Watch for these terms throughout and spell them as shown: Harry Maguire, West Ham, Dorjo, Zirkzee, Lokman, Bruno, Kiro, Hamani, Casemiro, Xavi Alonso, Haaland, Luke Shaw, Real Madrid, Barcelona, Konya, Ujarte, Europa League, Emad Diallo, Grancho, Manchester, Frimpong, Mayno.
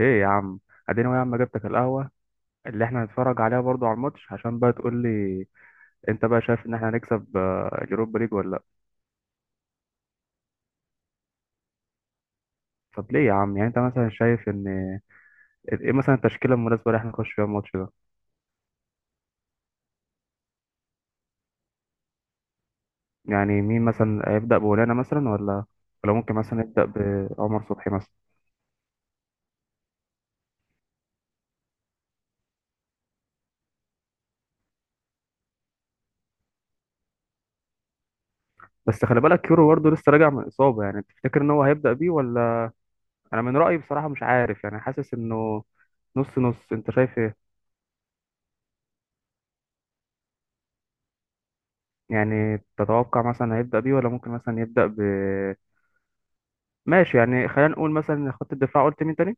ايه يا عم؟ اديني يا عم، جبتك القهوه اللي احنا هنتفرج عليها برضو على الماتش، عشان بقى تقول لي انت بقى شايف ان احنا هنكسب اليوروبا ليج ولا لا؟ طب ليه يا عم؟ يعني انت مثلا شايف ان ايه مثلا التشكيله المناسبه اللي احنا نخش فيها الماتش ده؟ يعني مين مثلا هيبدا؟ بولانا مثلا ولا ممكن مثلا يبدا بعمر صبحي مثلا؟ بس خلي بالك كيرو برضه لسه راجع من اصابه، يعني تفتكر ان هو هيبدا بيه ولا؟ انا من رايي بصراحه مش عارف، يعني حاسس انه نص نص. انت شايف ايه؟ يعني تتوقع مثلا هيبدا بيه ولا ممكن مثلا يبدا ب. يعني خلينا نقول مثلا إن خط الدفاع، قلت مين تاني؟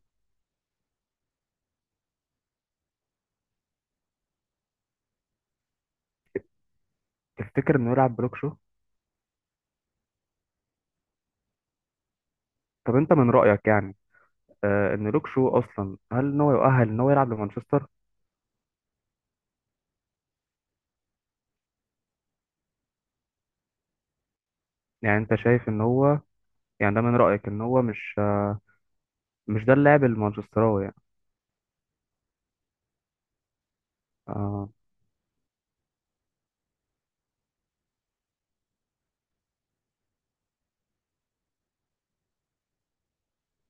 تفتكر انه يلعب بلوك شو؟ طب انت من رأيك يعني ان لوك شو اصلا، هل ان هو يؤهل ان هو يلعب لمانشستر؟ يعني انت شايف ان هو، يعني ده من رأيك ان هو مش ده اللاعب المانشستراوي يعني؟ آه،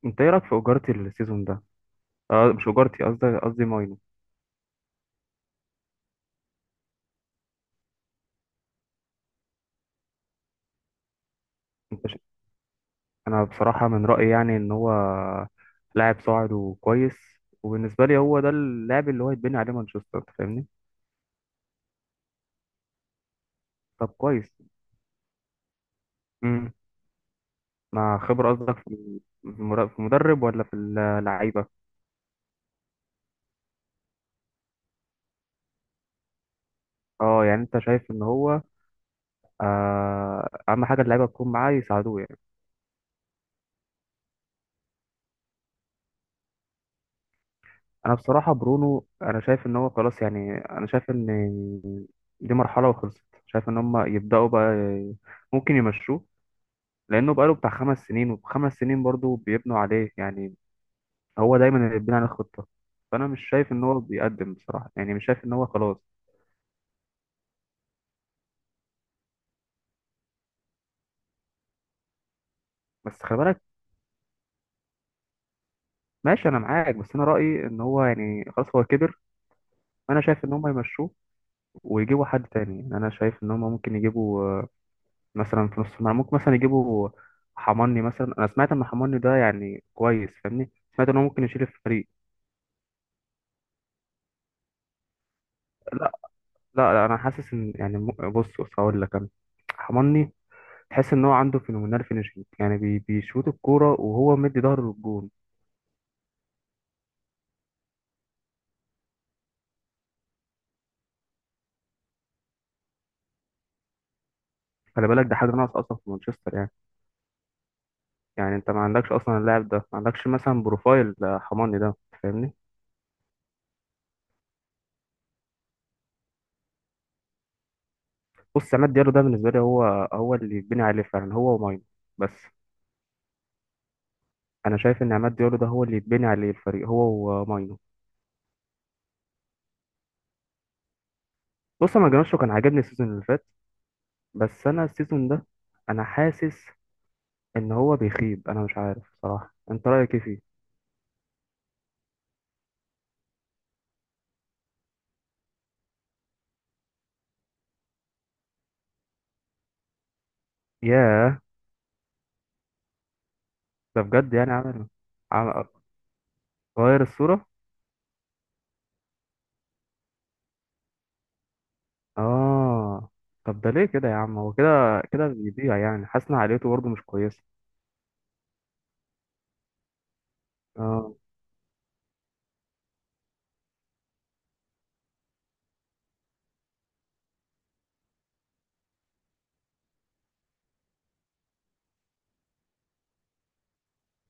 انت ايه رأيك في اجارتي السيزون ده؟ مش اجارتي، قصدي ماينو. انت ش... انا بصراحة من رأيي يعني ان هو لاعب صاعد وكويس، وبالنسبة لي هو ده اللاعب اللي هو يتبني عليه مانشستر، أنت فاهمني. طب كويس. مع خبرة قصدك في في المدرب ولا في اللعيبة؟ اه، يعني انت شايف ان هو اهم حاجة اللعيبة تكون معاه، يساعدوه يعني. انا بصراحة برونو، انا شايف ان هو خلاص، يعني انا شايف ان دي مرحلة وخلصت، شايف ان هم يبدأوا بقى ممكن يمشوه، لانه بقاله بتاع 5 سنين، وخمس سنين برضه بيبنوا عليه يعني، هو دايما اللي بيبني على الخطة. فانا مش شايف ان هو بيقدم بصراحة، يعني مش شايف ان هو خلاص. بس خلي بالك، ماشي انا معاك، بس انا رأيي ان هو يعني خلاص، هو كبر. انا شايف ان هم يمشوه ويجيبوا حد تاني، يعني انا شايف ان هم ممكن يجيبوا، مثلا في نص الملعب ممكن مثلا يجيبوا حماني مثلا، انا سمعت ان حماني ده يعني كويس، فاهمني، سمعت ان هو ممكن يشيل الفريق. لا، لا, لا، انا حاسس ان يعني بص بص هقول لك انا، حماني تحس ان هو عنده فينومينال فينيشنج، يعني بيشوط الكوره وهو مدي ظهره للجون. خلي بالك ده حاجه ناقصه اصلا في مانشستر يعني، يعني انت ما عندكش اصلا اللاعب ده، ما عندكش مثلا بروفايل، حماني ده، فاهمني. بص، عماد ديالو ده بالنسبة لي هو اللي يتبني عليه فعلا، هو وماينو. بس أنا شايف إن عماد ديالو ده هو اللي يتبني عليه الفريق، هو وماينو. بص، أنا جرانشو كان عاجبني السيزون اللي فات، بس أنا السيزون ده أنا حاسس إن هو بيخيب، أنا مش عارف صراحة. أنت رأيك إيه فيه؟ ياه! ده بجد يعني عمل عم- غير الصورة؟ آه. طب ده ليه كده يا عم؟ هو كده كده بيضيع، يعني حاسس إن عقليته برضه مش كويسة. آه.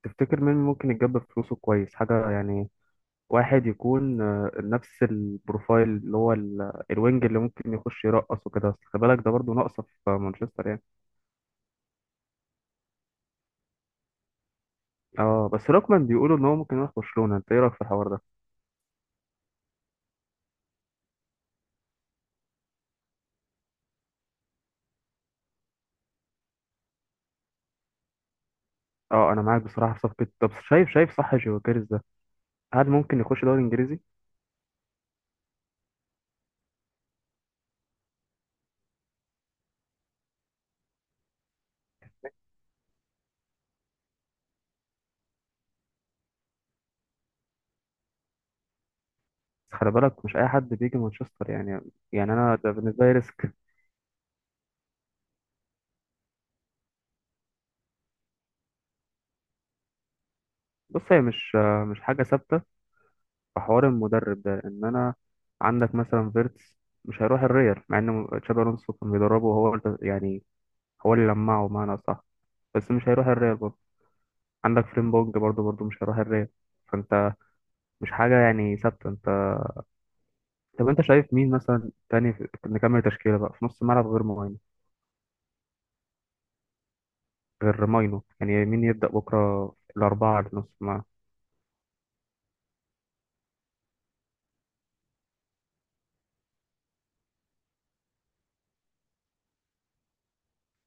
تفتكر مين ممكن يتجاب فلوسه كويس حاجة يعني، واحد يكون نفس البروفايل، اللي هو الوينج اللي ممكن يخش يرقص وكده، بس خلي بالك ده برضه ناقصه في مانشستر يعني. اه، بس لوكمان بيقولوا ان هو ممكن يروح برشلونه، انت ايه رايك في الحوار ده؟ اه، انا معاك بصراحه في صفقه. طب شايف صح جيوكيرز ده، هل ممكن يخش دوري انجليزي؟ بس خلي بالك مش اي حد بيجي مانشستر يعني، يعني انا ده بالنسبه لي ريسك. بص، هي مش حاجه ثابته في حوار المدرب ده. ان انا عندك مثلا فيرتس مش هيروح الريال، مع ان تشابي الونسو كان بيدربه وهو يعني، هو اللي لمعه بمعنى صح، بس مش هيروح الريال برضه. عندك فريمبونج برضه مش هيروح الريال. فانت مش حاجة يعني ثابتة انت. طب انت شايف مين مثلا تاني نكمل تشكيلة بقى في نص الملعب غير ماينو؟ غير ماينو يعني، مين يبدأ بكرة الأربعة اللي في نص الملعب؟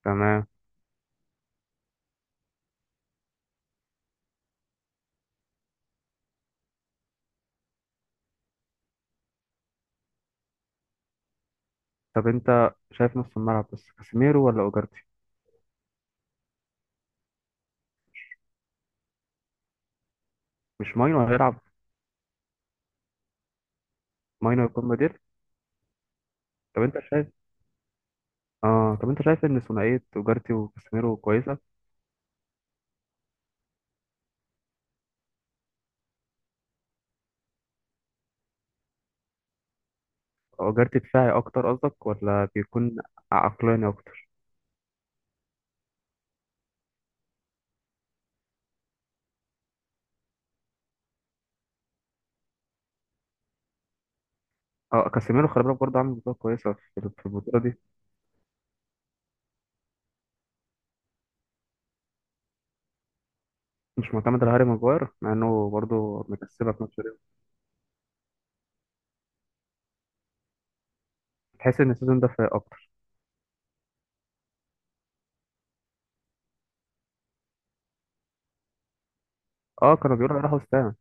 تمام. طب انت شايف نص الملعب بس كاسيميرو ولا اوجارتي؟ مش ماينو هيلعب؟ ماينو يكون بديل؟ طب انت شايف، اه طب انت شايف ان ثنائية اوجارتي وكاسيميرو كويسة؟ اوجارتي دفاعي اكتر قصدك ولا بيكون عقلاني اكتر؟ اه، كاسيميرو خلي بالك برضه عامل بطولة كويسة في البطولة دي. مش معتمد على هاري ماجواير، مع انه برضه مكسبها في ماتش ريال؟ تحس ان السيزون ده فايق اكتر؟ اه، كانوا بيقولوا هيروحوا وستام.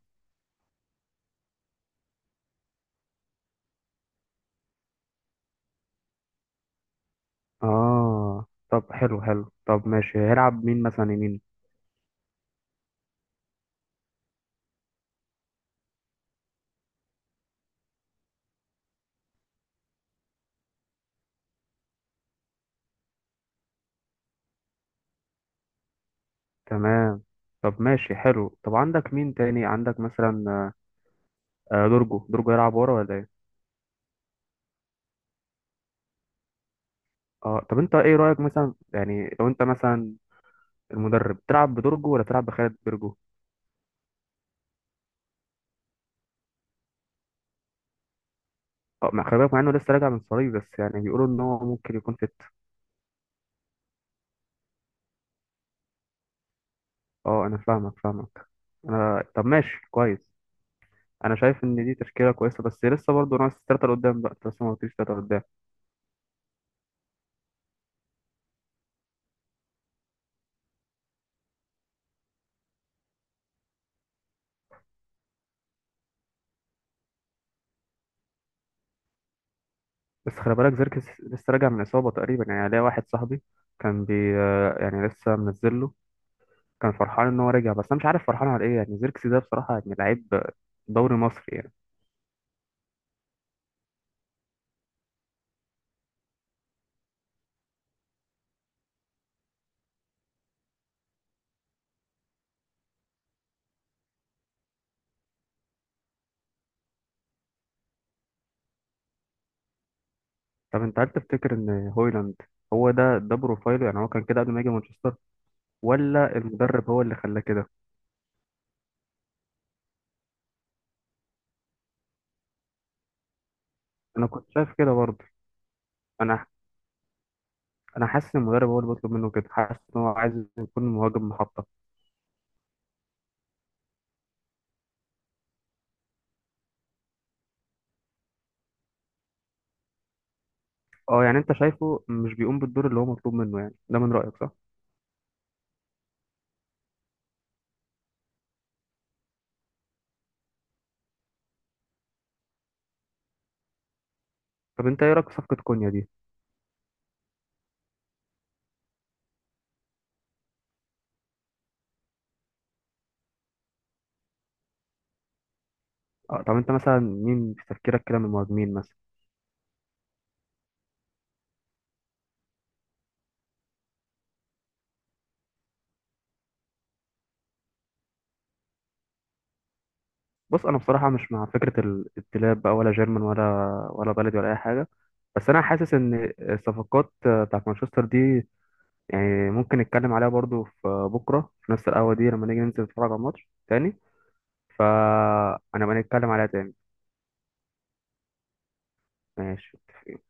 اه، طب حلو حلو. طب ماشي، هيلعب مين مثلا يمين؟ تمام. طب ماشي حلو. طب عندك مين تاني؟ عندك مثلا دورجو، دورجو يلعب ورا ولا ايه؟ اه، طب انت ايه رأيك مثلا، يعني لو انت مثلا المدرب تلعب بدورجو ولا تلعب بخالد بيرجو؟ اه، خلي بالك مع انه لسه راجع من صليبي، بس يعني بيقولوا ان هو ممكن يكون فت. اه، انا فاهمك فاهمك. انا طب ماشي كويس. انا شايف ان دي تشكيله كويسه، بس لسه برضه ناقص 3 لقدام بقى، انت لسه ما قلتليش 3 لقدام. بس خلي بالك زيركس لسه راجع من اصابه تقريبا، يعني ليا واحد صاحبي كان بي آه، يعني لسه منزل له، كان فرحان ان هو رجع، بس انا مش عارف فرحان على ايه، يعني زيركس ده بصراحه يعني لعيب دوري مصري يعني. طب انت، هل تفتكر ان هويلاند هو ده بروفايله، يعني هو كان كده قبل ما يجي مانشستر، ولا المدرب هو اللي خلاه كده؟ انا كنت شايف كده برضه. انا انا حاسس ان المدرب هو اللي بيطلب منه كده، حاسس ان هو عايز يكون مهاجم محطة. اه، يعني انت شايفه مش بيقوم بالدور اللي هو مطلوب منه، يعني ده من رأيك صح؟ طب انت ايه رأيك في صفقة كونيا دي؟ اه، طب انت مثلا مين في تفكيرك كده من المهاجمين مثلا؟ بص انا بصراحة مش مع فكرة الاتلاب بقى، ولا جيرمان ولا بلدي ولا اي حاجة. بس انا حاسس ان الصفقات بتاعت مانشستر دي، يعني ممكن نتكلم عليها برضو في بكرة، في نفس القهوة دي، لما نيجي ننزل نتفرج على الماتش تاني، فانا بنتكلم عليها تاني. ماشي.